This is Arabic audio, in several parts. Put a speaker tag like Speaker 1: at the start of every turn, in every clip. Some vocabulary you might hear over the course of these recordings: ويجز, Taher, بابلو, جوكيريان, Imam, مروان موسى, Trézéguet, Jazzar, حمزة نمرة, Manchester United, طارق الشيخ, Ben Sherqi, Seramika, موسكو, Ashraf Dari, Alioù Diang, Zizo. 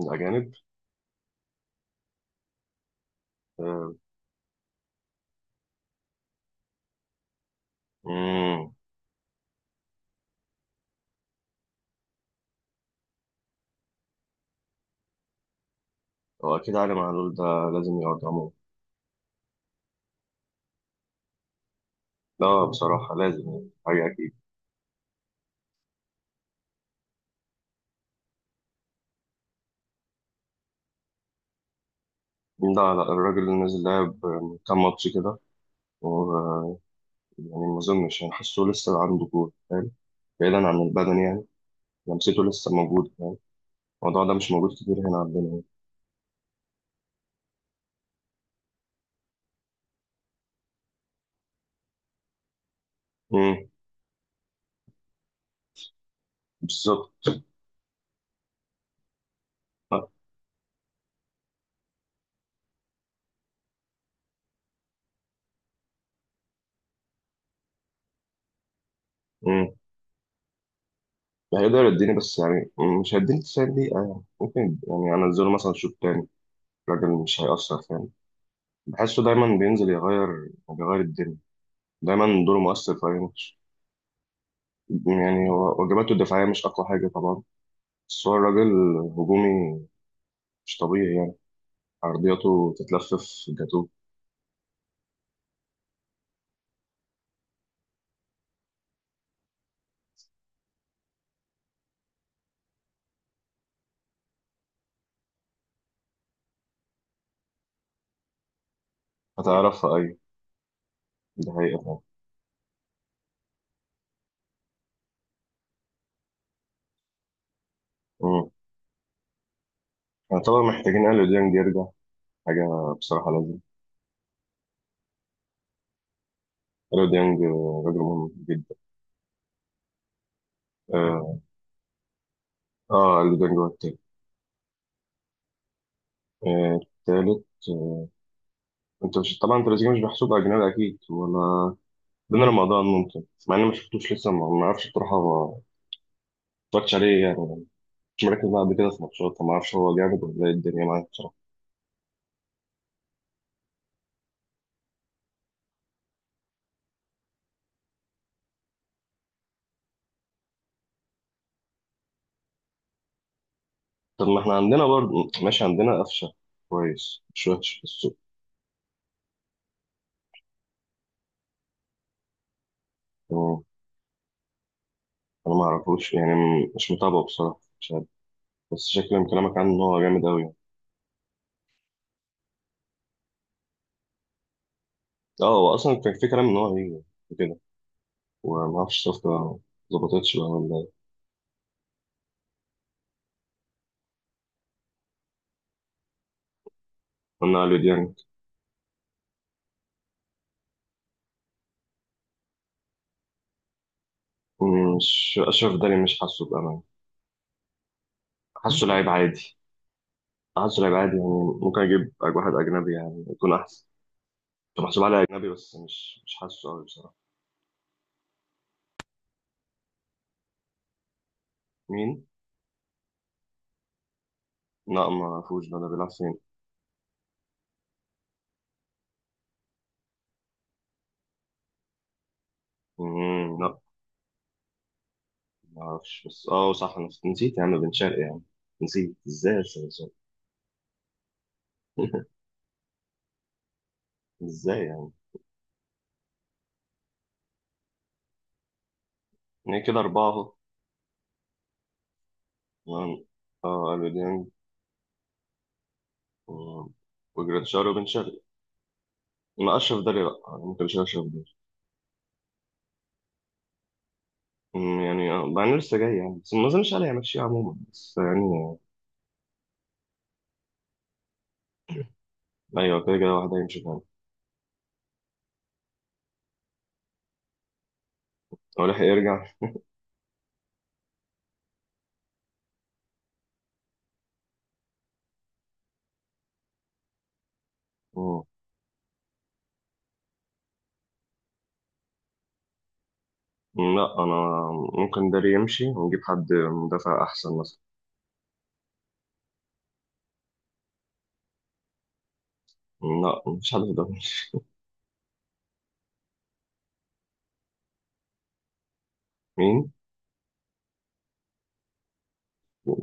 Speaker 1: الأجانب. آه. مم. هو أكيد علي معلول ده لازم يقعد عموما. لا، بصراحة لازم يعني حاجة أكيد. لا لا، الراجل اللي نازل لعب كام ماتش كده و- يعني ما أظنش، يعني حاسه لسه عنده كورة فاهم. بعيدا عن البدن يعني. لمسته لسه موجودة يعني. الموضوع ده مش موجود كتير هنا عندنا يعني. مم. بالظبط. آه. مم. هيقدر يديني بس يعني مش هيديني 90 دقيقة، يعني ممكن يعني أنزله مثلا شوط تاني. الراجل مش هيأثر فاهم. بحسه دايما بينزل بيغير الدنيا. دايما دوره مؤثر في أي ماتش. يعني هو واجباته الدفاعية مش أقوى حاجة طبعا. بس هو الراجل هجومي مش طبيعي يعني. عرضياته تتلفف جاتوه. هتعرف في أي. ده حقيقة طبعا. مم. يعتبر محتاجين أليو ديانج يرجع. حاجة بصراحة لازم. أليو ديانج راجل مهم جدا. اه. أليو ديانج هو التالت. التالت. انت مش طبعا تريزيجيه مش محسوب اجنبي اكيد ولا. بين رمضان ممكن، مع اني ما شفتوش لسه، ما اعرفش بصراحه، ما اتفرجتش عليه يعني. مركز بعد كده في ماتشات ما اعرفش هو جامد ولا ايه الدنيا معاه بصراحه. طب ما احنا عندنا برضه ماشي، عندنا قفشه كويس، مش وحش في السوق. تمام. انا ما اعرفوش يعني مش متابعه بصراحه، مش عارف. بس شكل من كلامك عنه ان هو جامد قوي يعني. اه، هو اصلا كان في كلام ان هو هيجي كده، وما اعرفش الصفقه ما ظبطتش بقى ولا ايه. قلنا على ديانج. مش اشرف داري، مش حاسه بامان. حاسه لعيب عادي. حاسه لعيب عادي يعني. ممكن اجيب واحد اجنبي يعني يكون احسن. كنت محسوب عليه اجنبي بس مش حاسه قوي بصراحه. مين؟ لا، ما اعرفوش، ده بيلعب فين؟ مم، لا. ما اعرفش، بس اه صح انا نسيت يا عم بن شرقي يعني. نسيت ازاي بس بن شرقي؟ ازاي يعني. يعني كده اربعه اهو. تمام. اه الو ديانج. مم. وجراديشار وبن شرقي. ما اشرف داري لا، ممكن مش اشرف داري. يعني مع انه لسه جاي يعني، بس ما اظنش عليه هيمشيه عموما، بس يعني. آه، ايوه كده كده، واحد هيمشي تاني. هو لحق يرجع. مم. لا، انا ممكن داري يمشي ونجيب حد مدافع احسن مثلا. لا، مفيش حد في الدوري. مين؟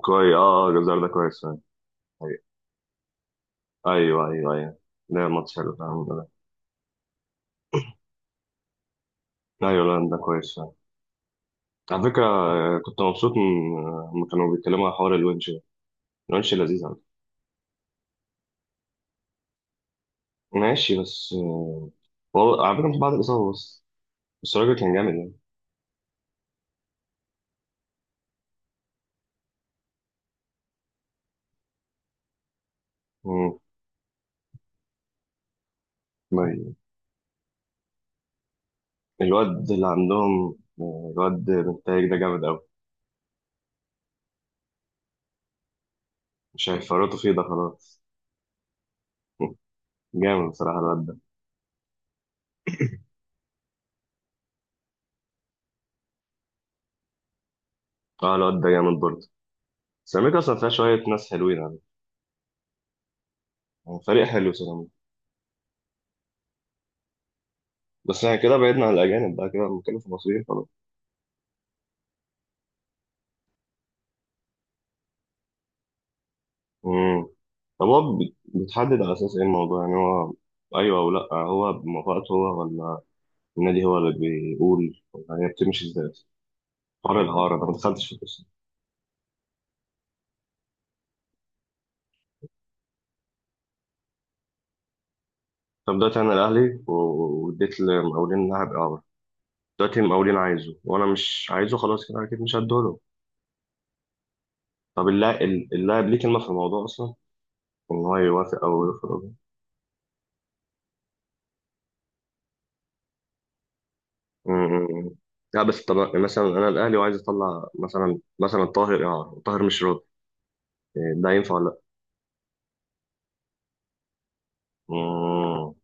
Speaker 1: كويس، اه اه، جزار ده كويس فعلا. أيوة أيوة أيوة. أيوة، لا ماتش حلو فعلا، الحمد لله. أيوة، لا ده كويس فعلا. على فكرة، كنت مبسوط لما كانوا بيتكلموا على حوار الونش ده. الونش لذيذ على فكرة. ماشي بس. آه، والله على فكرة مش بعد الإصابة بس. بس الراجل كان جامد يعني. مم. طيب. الواد اللي عندهم، الواد بنتايج ده جامد أوي. مش هيفرطوا فيه، ده خلاص. جامد بصراحة الواد ده. اه، الواد ده جامد برضه. سيراميكا أصلا فيها شوية ناس حلوين يعني. فريق حلو سيراميكا. بس احنا كده بعدنا عن الأجانب بقى، كده بنتكلم في المصريين خلاص. امم. طب هو بيتحدد على أساس إيه الموضوع يعني، هو أيوه أو لأ؟ هو بموافقته هو، ولا النادي هو اللي بيقول، ولا هي بتمشي إزاي؟ حوار الإعارة ده ما دخلتش في القصة. طب دلوقتي أنا الأهلي واديت لمقاولين لاعب إعارة. دلوقتي المقاولين عايزه وأنا مش عايزه، خلاص كده أكيد مش هديهوله. طب اللاعب ليه كلمة في الموضوع أصلا، إن هو يوافق أو يرفض؟ امم. لا بس طب مثلا انا الاهلي وعايز اطلع مثلا طاهر، طاهر مش راضي، إيه، ده ينفع ولا لا؟ امم.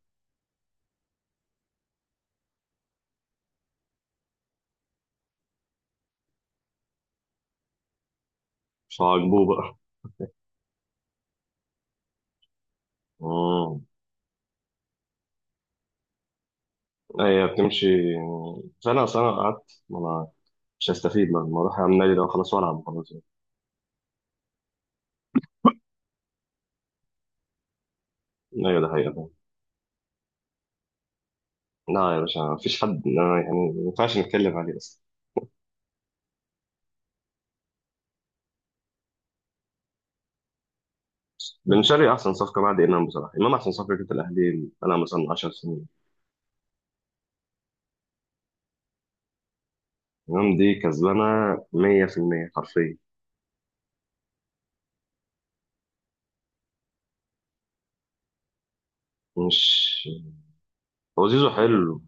Speaker 1: مش عاجبوه بقى. امم. هي بتمشي سنه سنه، قعدت ما انا مش هستفيد، ما اروح اعمل نادي، ده خلاص والعب خلاص. ايوه ده حقيقة فعلا. لا يا باشا، مفيش حد أنا يعني ما ينفعش نتكلم عليه اصلا. بن شرقي احسن صفقه بعد امام بصراحه. امام احسن صفقه جت الاهلي انا مثلا 10 سنين. امام دي كسبانه 100% حرفيا. مش. هو زيزو حلو.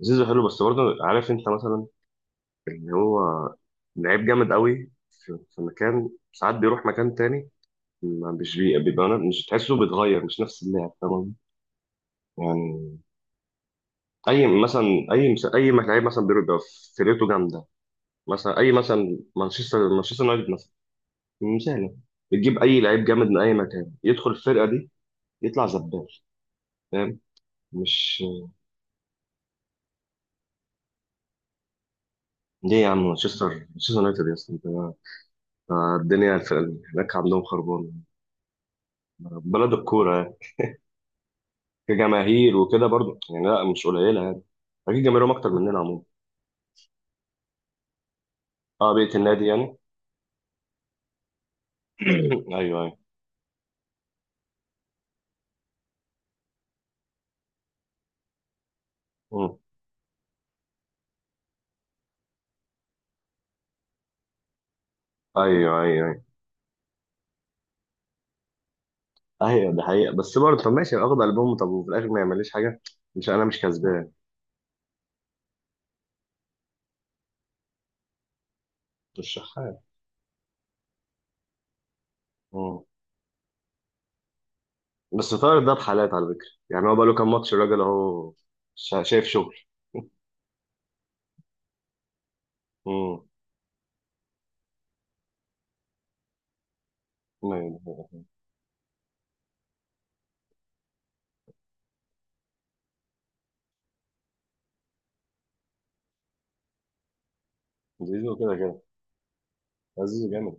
Speaker 1: زيزو حلو بس برضه عارف انت مثلا، اللي هو لعيب جامد قوي في مكان ساعات بيروح مكان تاني. ما مش بيبقى مش تحسه بيتغير، مش نفس اللاعب تمام. يعني اي مثلا، اي لعيب مثلا بيبقى فرقته جامده. مثلا اي مثلا مانشستر يونايتد مثلا، مثال يعني، بتجيب اي لعيب جامد من اي مكان يدخل الفرقه دي يطلع زبال فاهم. مش. ليه يا عم، مانشستر يونايتد، يا اسطى الدنيا هناك عندهم خربانه. بلد الكوره كجماهير وكده برضو يعني، لا مش قليله يعني. اكيد جماهيرهم اكتر مننا عموما. اه، بيئه النادي يعني. ايوه ايوه. مم. ايوه ايوه ايوه. ايوه ده حقيقه، بس برضه طب ماشي، اخد البوم طب وفي الاخر ما يعمليش حاجه، مش انا مش كسبان. مش شحات. مم. بس طارق ده بحالات على فكره، يعني هو بقى له كام ماتش الراجل اهو شايف شغل. امم. زيزو كده كده. زيزو جامد.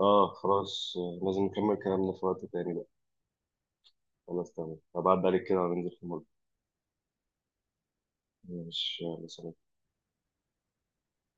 Speaker 1: اه خلاص، لازم نكمل كلامنا في وقت تاني بقى. خلاص تمام، هبعد عليك كده وننزل في مرة. مش مثلا